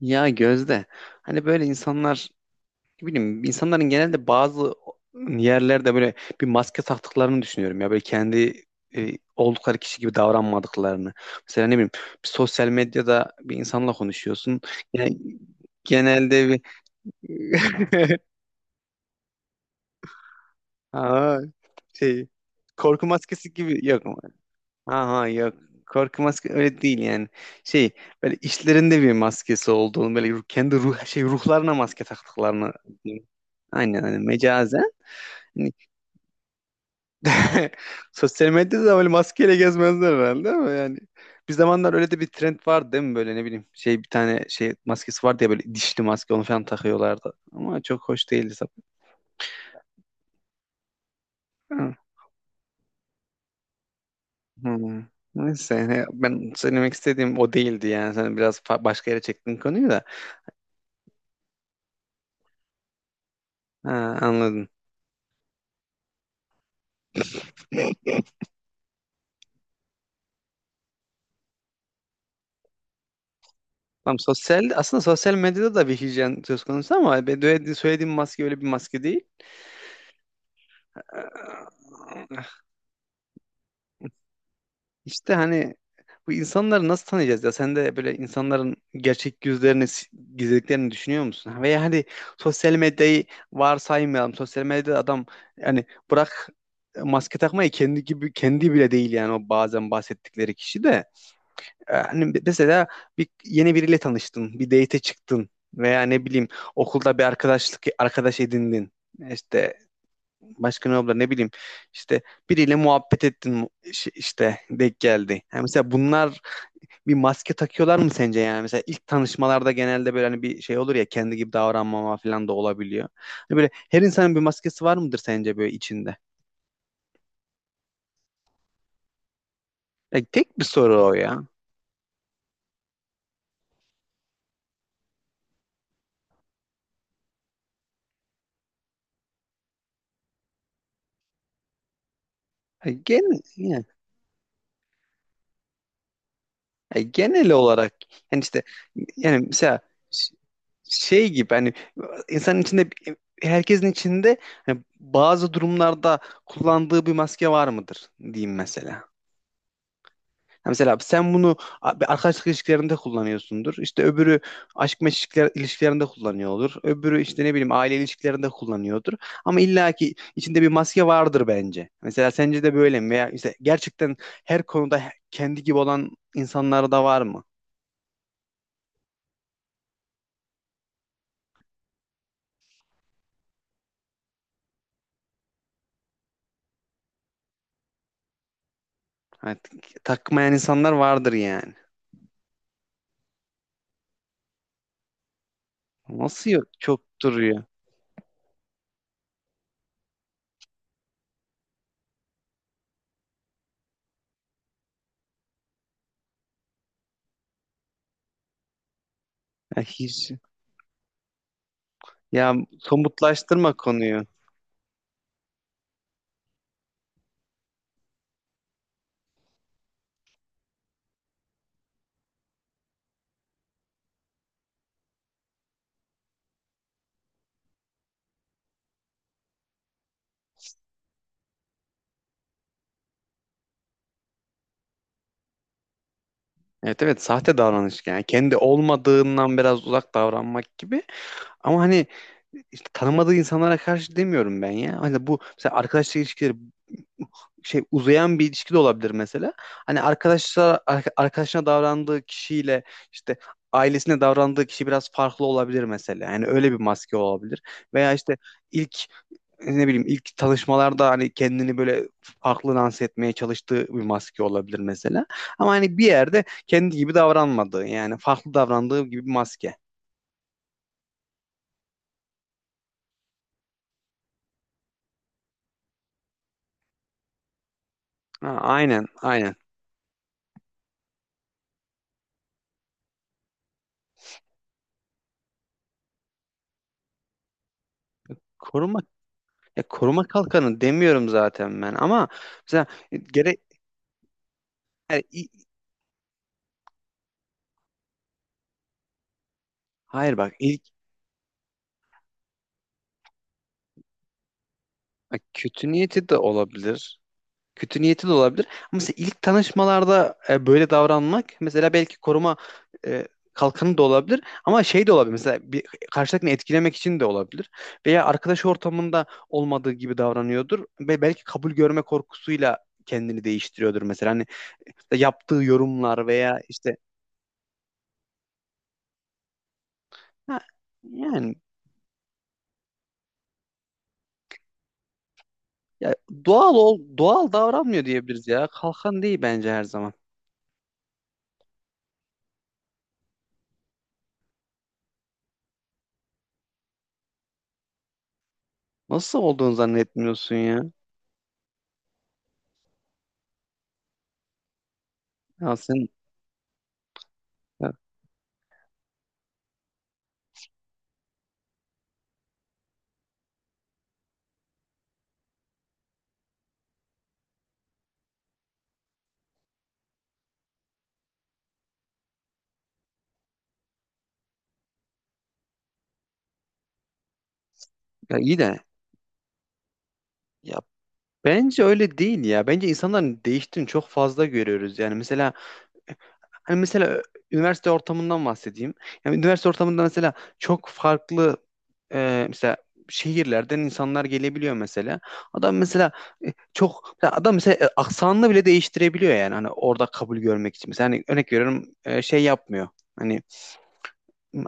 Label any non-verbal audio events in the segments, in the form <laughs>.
Ya Gözde, hani böyle insanlar, ne bileyim, insanların genelde bazı yerlerde böyle bir maske taktıklarını düşünüyorum ya, böyle kendi oldukları kişi gibi davranmadıklarını. Mesela ne bileyim, bir sosyal medyada bir insanla konuşuyorsun. Yani genelde bir <laughs> Aa, şey, korku maskesi gibi, yok. Aha, yok. Korku maske öyle değil yani. Şey, böyle işlerinde bir maskesi olduğunu, böyle kendi ruhlarına maske taktıklarını diyeyim. Aynen, hani mecazen. Hani <laughs> sosyal medyada da böyle maskeyle gezmezler herhalde ama yani bir zamanlar öyle de bir trend vardı değil mi? Böyle ne bileyim, şey, bir tane şey maskesi vardı ya, böyle dişli maske, onu falan takıyorlardı ama çok hoş değildi tabii. Hmm. Neyse, he, ben söylemek istediğim o değildi yani sen biraz başka yere çektin konuyu da, ha, anladım. Tamam, aslında sosyal medyada da bir hijyen söz konusu ama söylediğim maske öyle bir maske değil. Ee, İşte hani bu insanları nasıl tanıyacağız ya? Sen de böyle insanların gerçek yüzlerini, gizlediklerini düşünüyor musun? Veya hani sosyal medyayı varsaymayalım. Sosyal medyada adam, yani bırak maske takmayı, kendi gibi kendi bile değil yani o, bazen bahsettikleri kişi de. Hani mesela bir yeni biriyle tanıştın, bir date'e çıktın veya ne bileyim okulda bir arkadaş edindin. İşte başka ne olabilir, ne bileyim, işte biriyle muhabbet ettin, işte denk geldi. Yani mesela bunlar bir maske takıyorlar mı sence yani? Mesela ilk tanışmalarda genelde böyle hani bir şey olur ya, kendi gibi davranmama falan da olabiliyor. Hani böyle her insanın bir maskesi var mıdır sence, böyle içinde? Ya tek bir soru o ya. Ya Gen, Ya genel olarak, yani işte, yani mesela ş- şey gibi, hani insanın içinde, herkesin içinde, hani bazı durumlarda kullandığı bir maske var mıdır diyeyim mesela. Ha, mesela sen bunu bir arkadaşlık ilişkilerinde kullanıyorsundur. İşte öbürü aşk meşk ilişkilerinde kullanıyor olur. Öbürü işte ne bileyim aile ilişkilerinde kullanıyordur. Ama illaki içinde bir maske vardır bence. Mesela sence de böyle mi? Veya işte gerçekten her konuda kendi gibi olan insanlar da var mı? Hani takmayan insanlar vardır yani. Nasıl yok? Çok duruyor. Ya, hiç, ya somutlaştırma konuyu. Evet, evet, sahte davranış yani. Kendi olmadığından biraz uzak davranmak gibi. Ama hani işte tanımadığı insanlara karşı demiyorum ben ya. Hani bu mesela arkadaşlık ilişkileri, şey, uzayan bir ilişki de olabilir mesela. Hani arkadaşına davrandığı kişiyle, işte ailesine davrandığı kişi biraz farklı olabilir mesela. Yani öyle bir maske olabilir. Veya işte ilk ne bileyim ilk tanışmalarda hani kendini böyle farklı dans etmeye çalıştığı bir maske olabilir mesela. Ama hani bir yerde kendi gibi davranmadığı yani farklı davrandığı gibi bir maske. Ha, aynen aynen. Koruma, ya, koruma kalkanı demiyorum zaten ben ama mesela gere yani i- hayır, bak, ilk, bak, kötü niyeti de olabilir. Kötü niyeti de olabilir. Ama mesela ilk tanışmalarda böyle davranmak, mesela belki koruma e, kalkanı da olabilir ama şey de olabilir. Mesela bir karşıdakini etkilemek için de olabilir. Veya arkadaş ortamında olmadığı gibi davranıyordur ve belki kabul görme korkusuyla kendini değiştiriyordur mesela. Hani yaptığı yorumlar veya işte, ha, yani, ya, doğal davranmıyor diyebiliriz ya. Kalkan değil bence her zaman. Nasıl olduğunu zannetmiyorsun ya? Ya sen ya, ya iyi de ya Bence öyle değil ya. Bence insanların değiştiğini çok fazla görüyoruz. Yani mesela, hani, mesela üniversite ortamından bahsedeyim. Yani üniversite ortamında mesela çok farklı, mesela şehirlerden insanlar gelebiliyor mesela. Adam mesela, çok, mesela adam mesela aksanını bile değiştirebiliyor yani hani orada kabul görmek için. Mesela hani örnek veriyorum, şey yapmıyor. Hani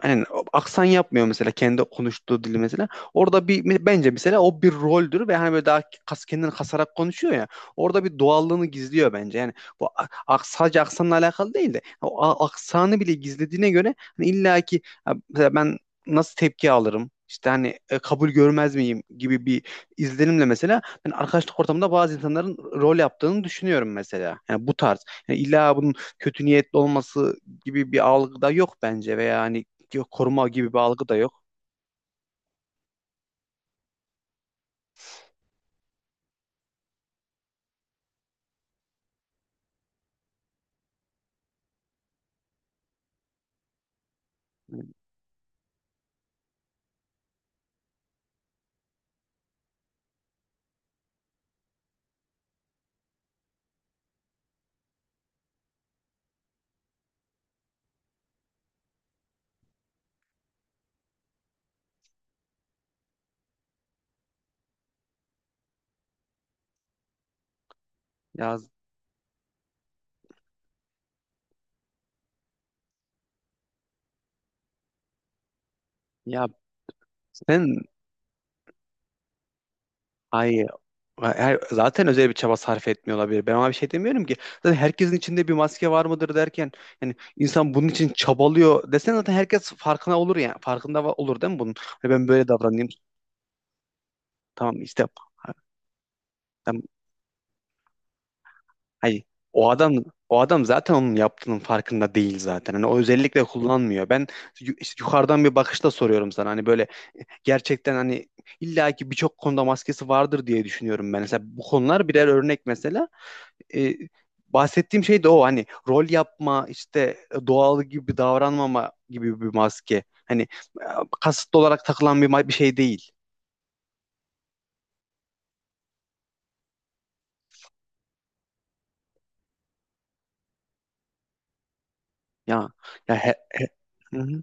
yani aksan yapmıyor mesela, kendi konuştuğu dili mesela. Orada bir, bence mesela o bir roldür ve hani böyle daha kendini kasarak konuşuyor ya. Orada bir doğallığını gizliyor bence. Yani bu sadece aksanla alakalı değil de o aksanı bile gizlediğine göre hani illa ki, ha, mesela ben nasıl tepki alırım? İşte hani kabul görmez miyim gibi bir izlenimle mesela ben arkadaşlık ortamında bazı insanların rol yaptığını düşünüyorum mesela. Yani bu tarz. Yani illa bunun kötü niyetli olması gibi bir algı da yok bence, veya hani yok, koruma gibi bir algı da yok. Ya ya sen ay zaten özel bir çaba sarf etmiyor olabilir. Ben ona bir şey demiyorum ki. Zaten herkesin içinde bir maske var mıdır derken, yani insan bunun için çabalıyor desen, zaten herkes farkına olur yani. Farkında olur değil mi bunun? Hani ben böyle davranayım. Tamam işte, tam, hayır. O adam o adam zaten onun yaptığının farkında değil zaten. Hani o özellikle kullanmıyor. Ben işte yukarıdan bir bakışla soruyorum sana. Hani böyle gerçekten hani illaki birçok konuda maskesi vardır diye düşünüyorum ben. Mesela bu konular birer örnek mesela. E, bahsettiğim şey de o, hani rol yapma, işte doğal gibi davranmama gibi bir maske. Hani e, kasıtlı olarak takılan bir şey değil. Ya ya he- Hı hı.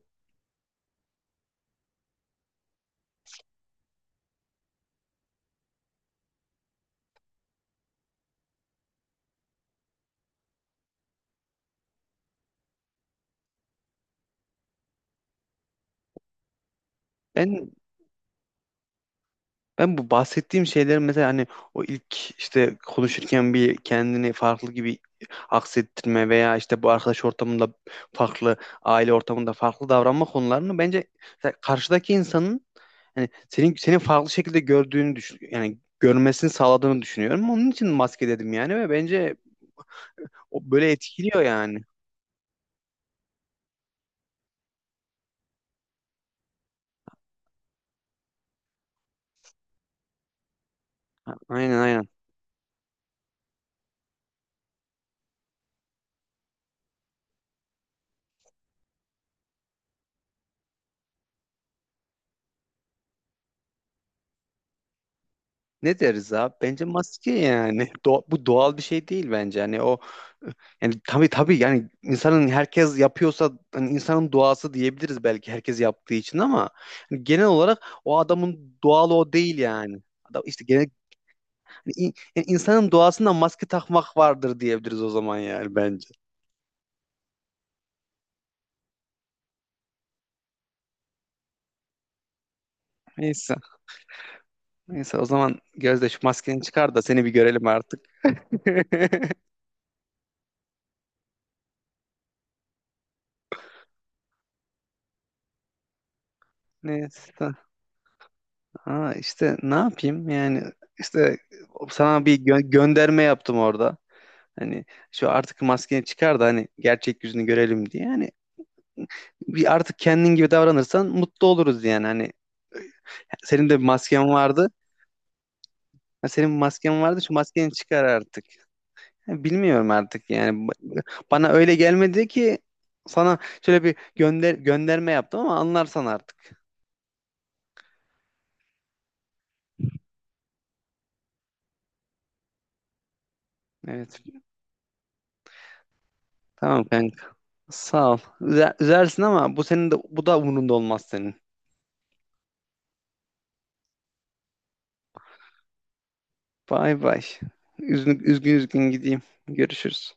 Ben Ben bu bahsettiğim şeylerin mesela hani o ilk işte konuşurken bir kendini farklı gibi aksettirme veya işte bu arkadaş ortamında farklı, aile ortamında farklı davranma konularını bence, mesela karşıdaki insanın hani senin farklı şekilde gördüğünü düşün, yani görmesini sağladığını düşünüyorum. Onun için maske dedim yani ve bence o böyle etkiliyor yani. Aynen aynen. Ne deriz abi? Bence maske yani. <laughs> Bu doğal bir şey değil bence. Hani o, yani tabii tabii, yani insanın, herkes yapıyorsa hani insanın doğası diyebiliriz belki, herkes yaptığı için ama hani genel olarak o adamın doğalı o değil yani. Adam işte genel hani yani insanın doğasında maske takmak vardır diyebiliriz o zaman yani bence. Neyse. Neyse o zaman Gözde, şu maskeni çıkar da seni bir görelim artık. <laughs> Neyse. Ha, işte ne yapayım yani, işte sana bir gönderme yaptım orada. Hani şu artık maskeni çıkar da hani gerçek yüzünü görelim diye. Yani bir artık kendin gibi davranırsan mutlu oluruz yani. Hani senin de bir masken vardı. Ha, senin bir masken vardı, şu maskeni çıkar artık. Ha, bilmiyorum artık yani. Bana öyle gelmedi ki, sana şöyle bir gönderme yaptım, ama anlarsan artık. Evet. Tamam kanka. Sağ ol. Üzersin ama bu senin de, bu da umurunda olmaz senin. Bay bay. Üzgün üzgün üzgün gideyim. Görüşürüz.